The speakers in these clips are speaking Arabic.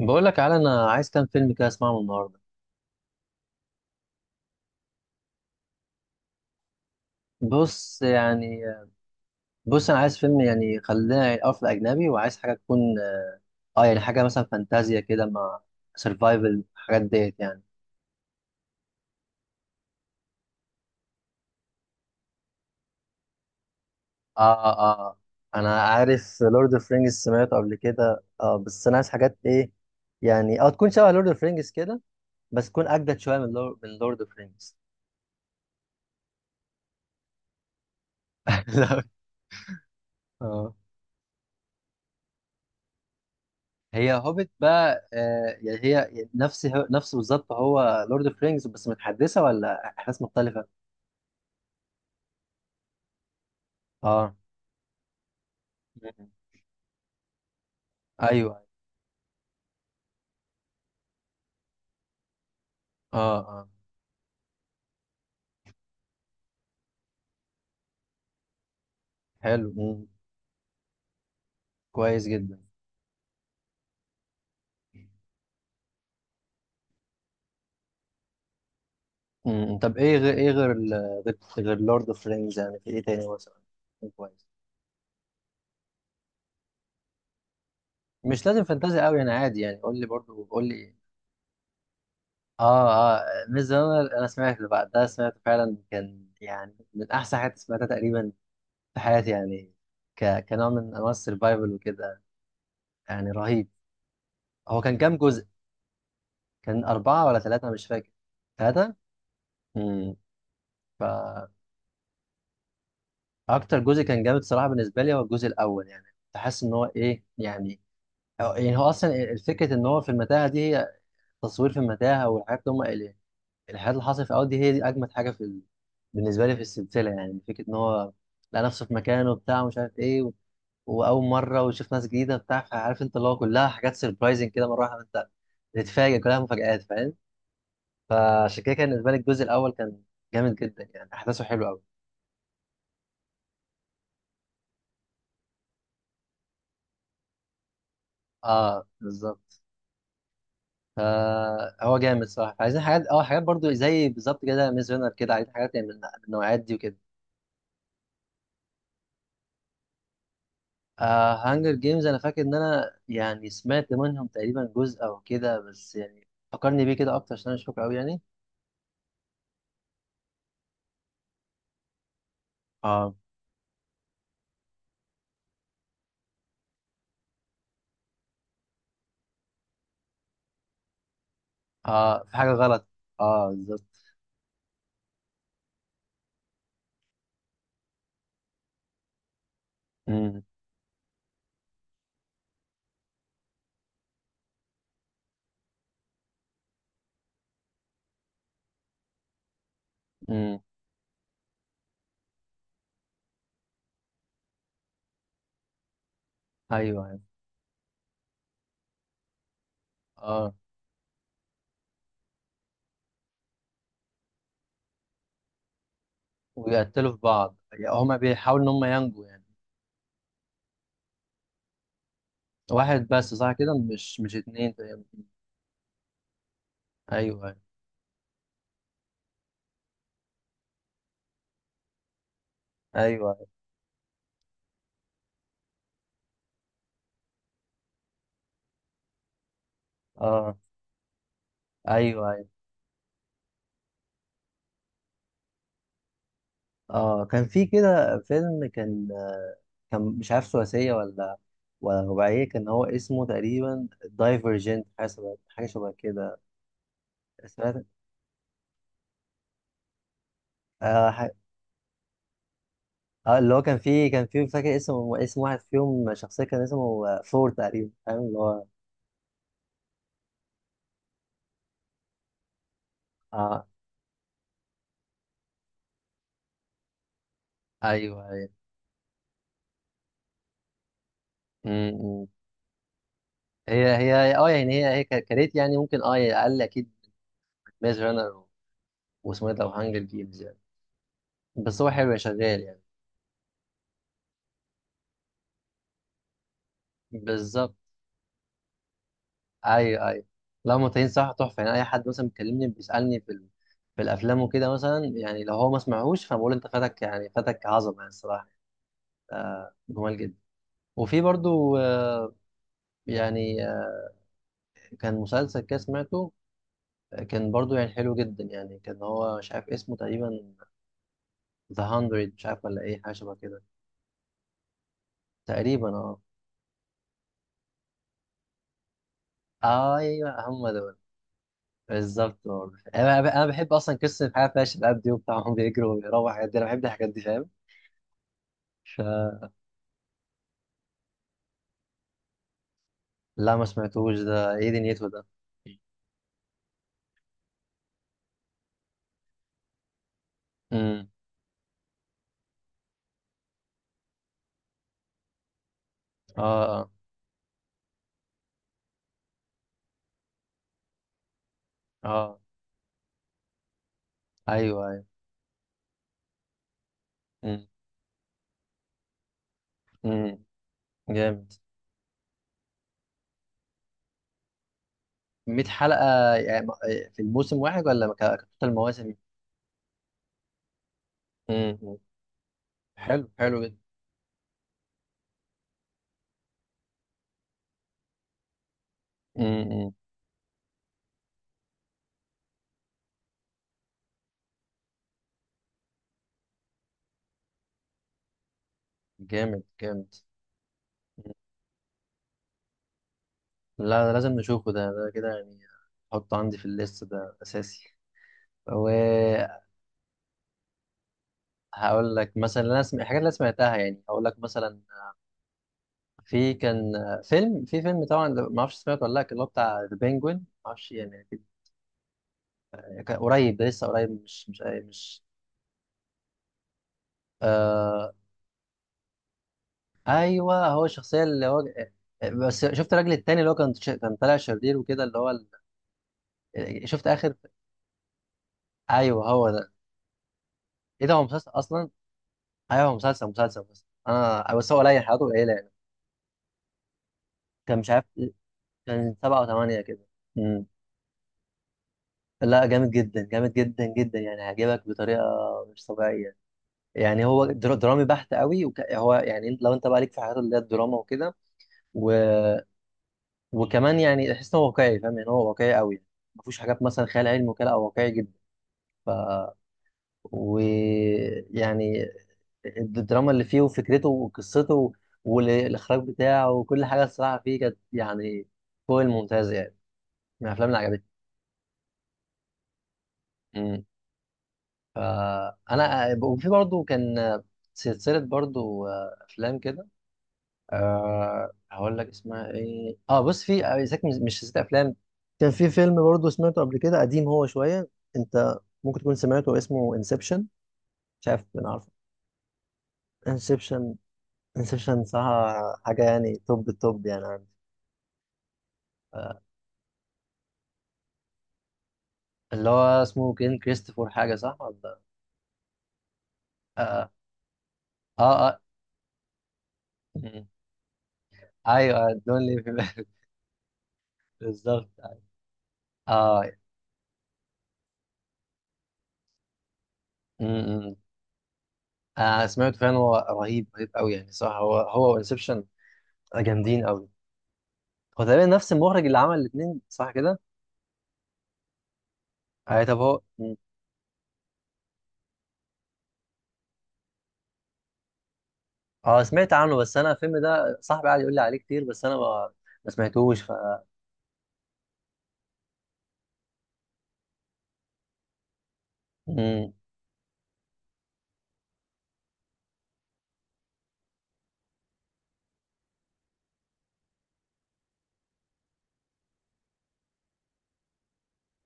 بقول لك على انا عايز كام فيلم كده اسمعهم النهارده. بص يعني، بص انا عايز فيلم يعني خلينا الاول في الاجنبي، وعايز حاجه تكون اه يعني حاجه مثلا فانتازيا كده مع سرفايفل الحاجات ديت يعني. اه اه آه. انا عارف لورد اوف رينجز سمعته قبل كده، اه بس انا عايز حاجات ايه يعني اه تكون شبه لورد اوف رينجز كده، بس تكون اجدد شويه من لورد اوف رينجز. لا اه. هي هوبيت بقى يعني هي نفس بالظبط هو لورد اوف رينجز، بس متحدثه ولا احداث مختلفه؟ اه. مم. ايوه. اه اه. حلو. كويس جدا. مم. طب ايه غير ايه غير غير لورد اوف رينجز، يعني في ايه تاني مثلا يكون كويس؟ مش لازم فانتازي قوي يعني، عادي يعني، قول لي برضو، قول لي ايه. اه اه، ميز رانر. انا سمعت اللي بعد ده سمعت فعلا، كان يعني من احسن حاجات سمعتها تقريبا في حياتي يعني، كنوع من انواع السرفايفل وكده يعني، رهيب. هو كان كام جزء؟ كان أربعة ولا ثلاثة، أنا مش فاكر. ثلاثة؟ امم فأكتر جزء كان جامد صراحة بالنسبة لي هو الجزء الأول، يعني كنت حاسس إن هو إيه يعني. أو يعني هو أصلا الفكرة، إن هو في المتاهة دي، هي تصوير في المتاهة، والحاجات اللي هم الحاجات اللي حصلت في الأول دي هي دي أجمد حاجة في بالنسبة لي في السلسلة، يعني فكرة إن هو لقى نفسه في مكانه وبتاع، ومش عارف إيه، و... وأول مرة ويشوف ناس جديدة بتاع، فعارف أنت اللي هو كلها حاجات سربرايزنج كده، مرة واحدة أنت تتفاجئ، كلها مفاجآت، فاهم؟ فعشان كده كان بالنسبه لي الجزء الاول كان جامد جدا يعني، احداثه حلوه قوي. اه بالظبط. فهو جامد صح، عايزين حاجات اه حاجات برضو زي بالظبط كده ميز رينر كده، عايزين حاجات يعني من النوعيات دي وكده. آه هانجر جيمز، انا فاكر ان انا يعني سمعت منهم تقريبا جزء او كده، بس يعني فكرني بيه كده اكتر عشان انا مش فاكر قوي يعني. اه اه، في حاجه غلط. اه بالظبط. امم. امم. ايوه ايوه. اه، ويقتلوا في بعض، يعني هما بيحاولوا ان هما ينجوا يعني. واحد بس صح كده، مش اتنين؟ ايوه ايوه. ايوه. اه ايوه ايوه. اه كان في كده فيلم كان، كان مش عارف ثلاثيه ولا رباعيه، كان هو اسمه تقريبا دايفرجنت، حاجه شبه حاجه شبه كده. سمعت آه, ح... اه، اللي هو كان فيه كان فيه فاكر اسم اسم واحد فيهم شخصيه كان اسمه فور تقريبا، فاهم اللي هو. اه ايوه ايوه. م- م. هي اه يعني هي كريت يعني، ممكن اه يعني اقل اكيد. ميز رانر، واسمه ايه ده، وهانجر جيمز يعني، بس هو حلو شغال يعني. بالظبط. ايوه ايوه. لو متين صح، تحفه يعني. اي حد مثلا بيكلمني بيسالني في في الافلام وكده، مثلا يعني لو هو ما سمعهوش فبقول انت فاتك يعني، فاتك عظمه يعني الصراحه، جمال جدا. وفي برضو يعني كان مسلسل كده سمعته، كان برضو يعني حلو جدا يعني. كان هو مش عارف اسمه تقريبا ذا 100، مش عارف ولا ايه، حاجه شبه كده تقريبا. اه ايوه هم دول. بالظبط برضه. انا أنا بحب اصلا قصه الحياه فيها شباب دي وبتاع، هم بيجروا وبيروحوا الحاجات دي، انا بحب الحاجات دي فاهم. لا ما سمعتوش ده، ايه دنيته ده؟ امم. اه اه اه. ايوه ايوه. امم. امم. جامد. 100 حلقة يعني، في الموسم واحد ولا كتوتال المواسم؟ امم. أمم. حلو حلو جدا. امم. أمم. جامد جامد. أمم. لا ده لازم نشوفه ده، ده كده يعني احطه عندي في الليست ده اساسي. وهقول لك مثلا انا الحاجات اللي انا سمعتها يعني هقول لك مثلا، في كان فيلم، في فيلم طبعا ده ما اعرفش سمعته ولا لا، كان اللي هو بتاع ذا بينجوين، ما اعرفش يعني كان قريب، ده لسه قريب، مش آه. ايوه، هو الشخصيه اللي هو. بس شفت الراجل التاني اللي هو كان كان طالع شرير وكده، اللي هو شفت اخر. ايوه هو ده. ايه ده، هو مسلسل اصلا؟ ايوه هو مسلسل مسلسل، بس انا بس هو قليل، حياته قليله يعني. كان مش عارف، كان سبعة وثمانية كده. امم لا جامد جدا، جامد جدا جدا يعني هيعجبك بطريقه مش طبيعيه يعني. هو درامي بحت قوي هو يعني لو انت بقى ليك في حاجات اللي هي الدراما وكده. وكمان يعني احس ان هو واقعي فاهم يعني، هو واقعي قوي، ما فيهوش حاجات مثلا خيال علمي وكده، او واقعي جدا. ف ويعني الدراما اللي فيه وفكرته وقصته والاخراج بتاعه وكل حاجه الصراحه فيه كانت يعني فوق الممتاز يعني، من الافلام اللي عجبتني. امم. فانا، وفي برضه كان سلسله برضه افلام كده. أه هقول لك اسمها ايه. اه بص، في إذا كان مش ست افلام، كان في فيلم برضه سمعته قبل كده، قديم هو شويه، انت ممكن تكون سمعته، اسمه انسبشن، مش عارف انا عارفه. انسبشن. انسبشن صح، حاجه يعني توب التوب يعني عندي. آه، اللي هو اسمه كين كريستوفر حاجه، صح ولا؟ اه. اه, آه. م- ايوه دونلي في بالك. بالظبط. اه. م- م. آه سمعته فعلا، هو رهيب رهيب قوي يعني، صح هو، هو وانسبشن جامدين قوي. هو تقريبا نفس المخرج اللي عمل الاثنين صح كده؟ اي طب هو. اه سمعت عنه، بس انا الفيلم ده صاحبي قاعد يقول لي عليه كتير، بس انا ما، ما سمعتوش ف. مم.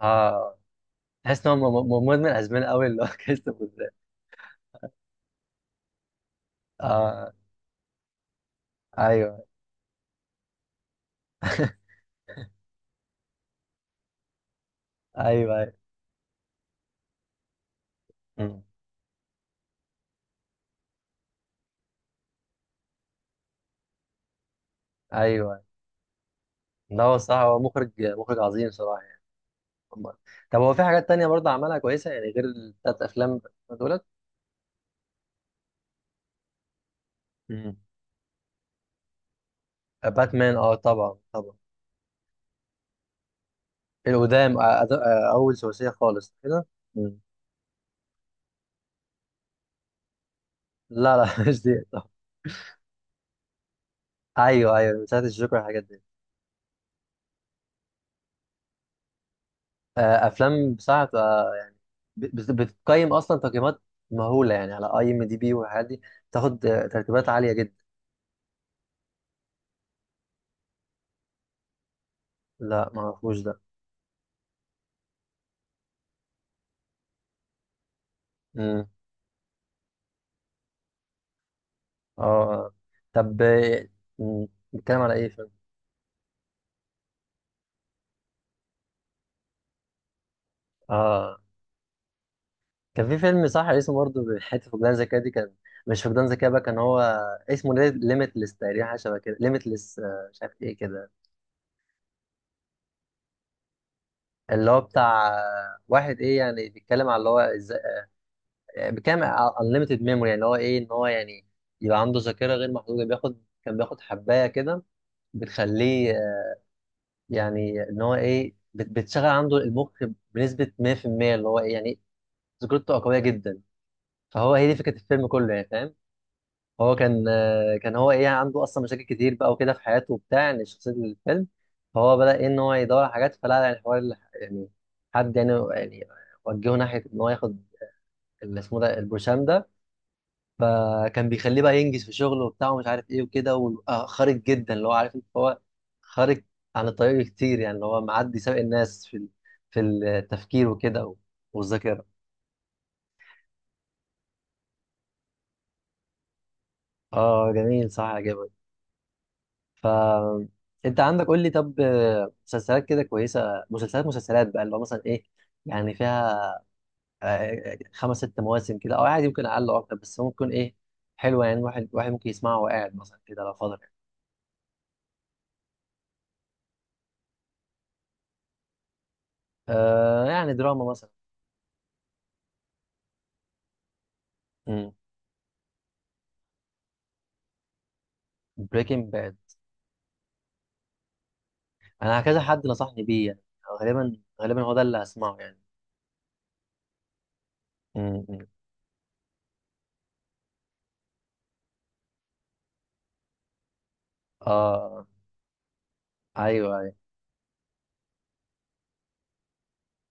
اه تحس ان هو مدمن اسبان قوي اللي هو كريستوفر ده. اه ايوه ايوه. ايوه. مم. ايوه. لا هو صح هو مخرج مخرج عظيم صراحه يعني. أمال. طب هو في حاجات تانية برضه عملها كويسه يعني غير الثلاث افلام دولت؟ مم. باتمان اه طبعا طبعا. القدام اول ثلاثيه خالص كده. لا لا مش دي طب. ايوه ايوه، من ساعه الجوكر والحاجات دي. افلام بصراحه. بتقيم اصلا تقييمات مهوله يعني، على اي ام دي بي والحاجات دي. بتاخد ترتيبات عاليه جدا. لا ما اعرفوش ده. امم. اه آه. طب مم، بنتكلم على ايه فيلم؟ اه كان في فيلم صح اسمه برضه حته فقدان ذكاء دي، كان مش فقدان ذكاء بقى، كان هو اسمه ليميتلس تقريبا، حاجه شبه كده ليميتلس، مش عارف ايه كده. اللي هو بتاع واحد ايه يعني، بيتكلم على اللي هو ازاي بكام unlimited memory. يعني هو ايه ان هو يعني يبقى عنده ذاكره غير محدوده. بياخد كان بياخد حبايه كده بتخليه يعني ان هو ايه بتشغل عنده المخ بنسبه 100%، اللي هو ايه يعني ذاكرته قويه جدا، فهو هي دي فكره الفيلم كله يعني فاهم. هو كان كان هو ايه عنده اصلا مشاكل كتير بقى وكده في حياته وبتاع، يعني شخصيه الفيلم. فهو بدا ايه ان هو يدور على حاجات، فلا يعني حوار يعني حد يعني يعني وجهه ناحيه ان هو ياخد اللي اسمه ده البروشام، فكان بيخليه بقى ينجز في شغله وبتاع، ومش عارف ايه وكده، ويبقى خارج جدا اللي هو عارف انت، هو خارج عن الطريق كتير يعني، اللي هو معدي سابق الناس في في التفكير وكده، و- والذاكره. اه جميل صح عجبك. ف انت عندك قول لي، طب مسلسلات كده كويسه، مسلسلات مسلسلات بقى اللي هو مثلا ايه، يعني فيها خمس ست مواسم كده، او عادي يمكن اقل او اكتر، بس ممكن ايه حلوه يعني، واحد واحد ممكن يسمعها وقاعد مثلا كده لو فاضي. آه يعني دراما مثلا. بريكنج باد، انا كذا حد نصحني بيه يعني، غالبا غالبا هو ده اللي هسمعه يعني. امم. اه ايوه ايوه.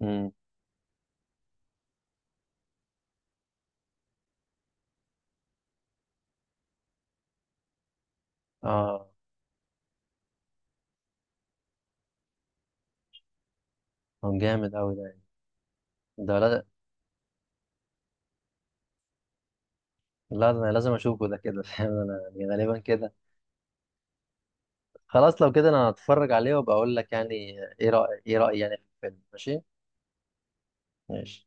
امم. اه، هو جامد قوي ده، ده لا. لا ده انا لازم اشوفه ده كده فاهم انا يعني غالبا كده. خلاص لو كده انا هتفرج عليه وبقول لك يعني ايه رأي، ايه رأيي يعني في الفيلم. ماشي. ماشي.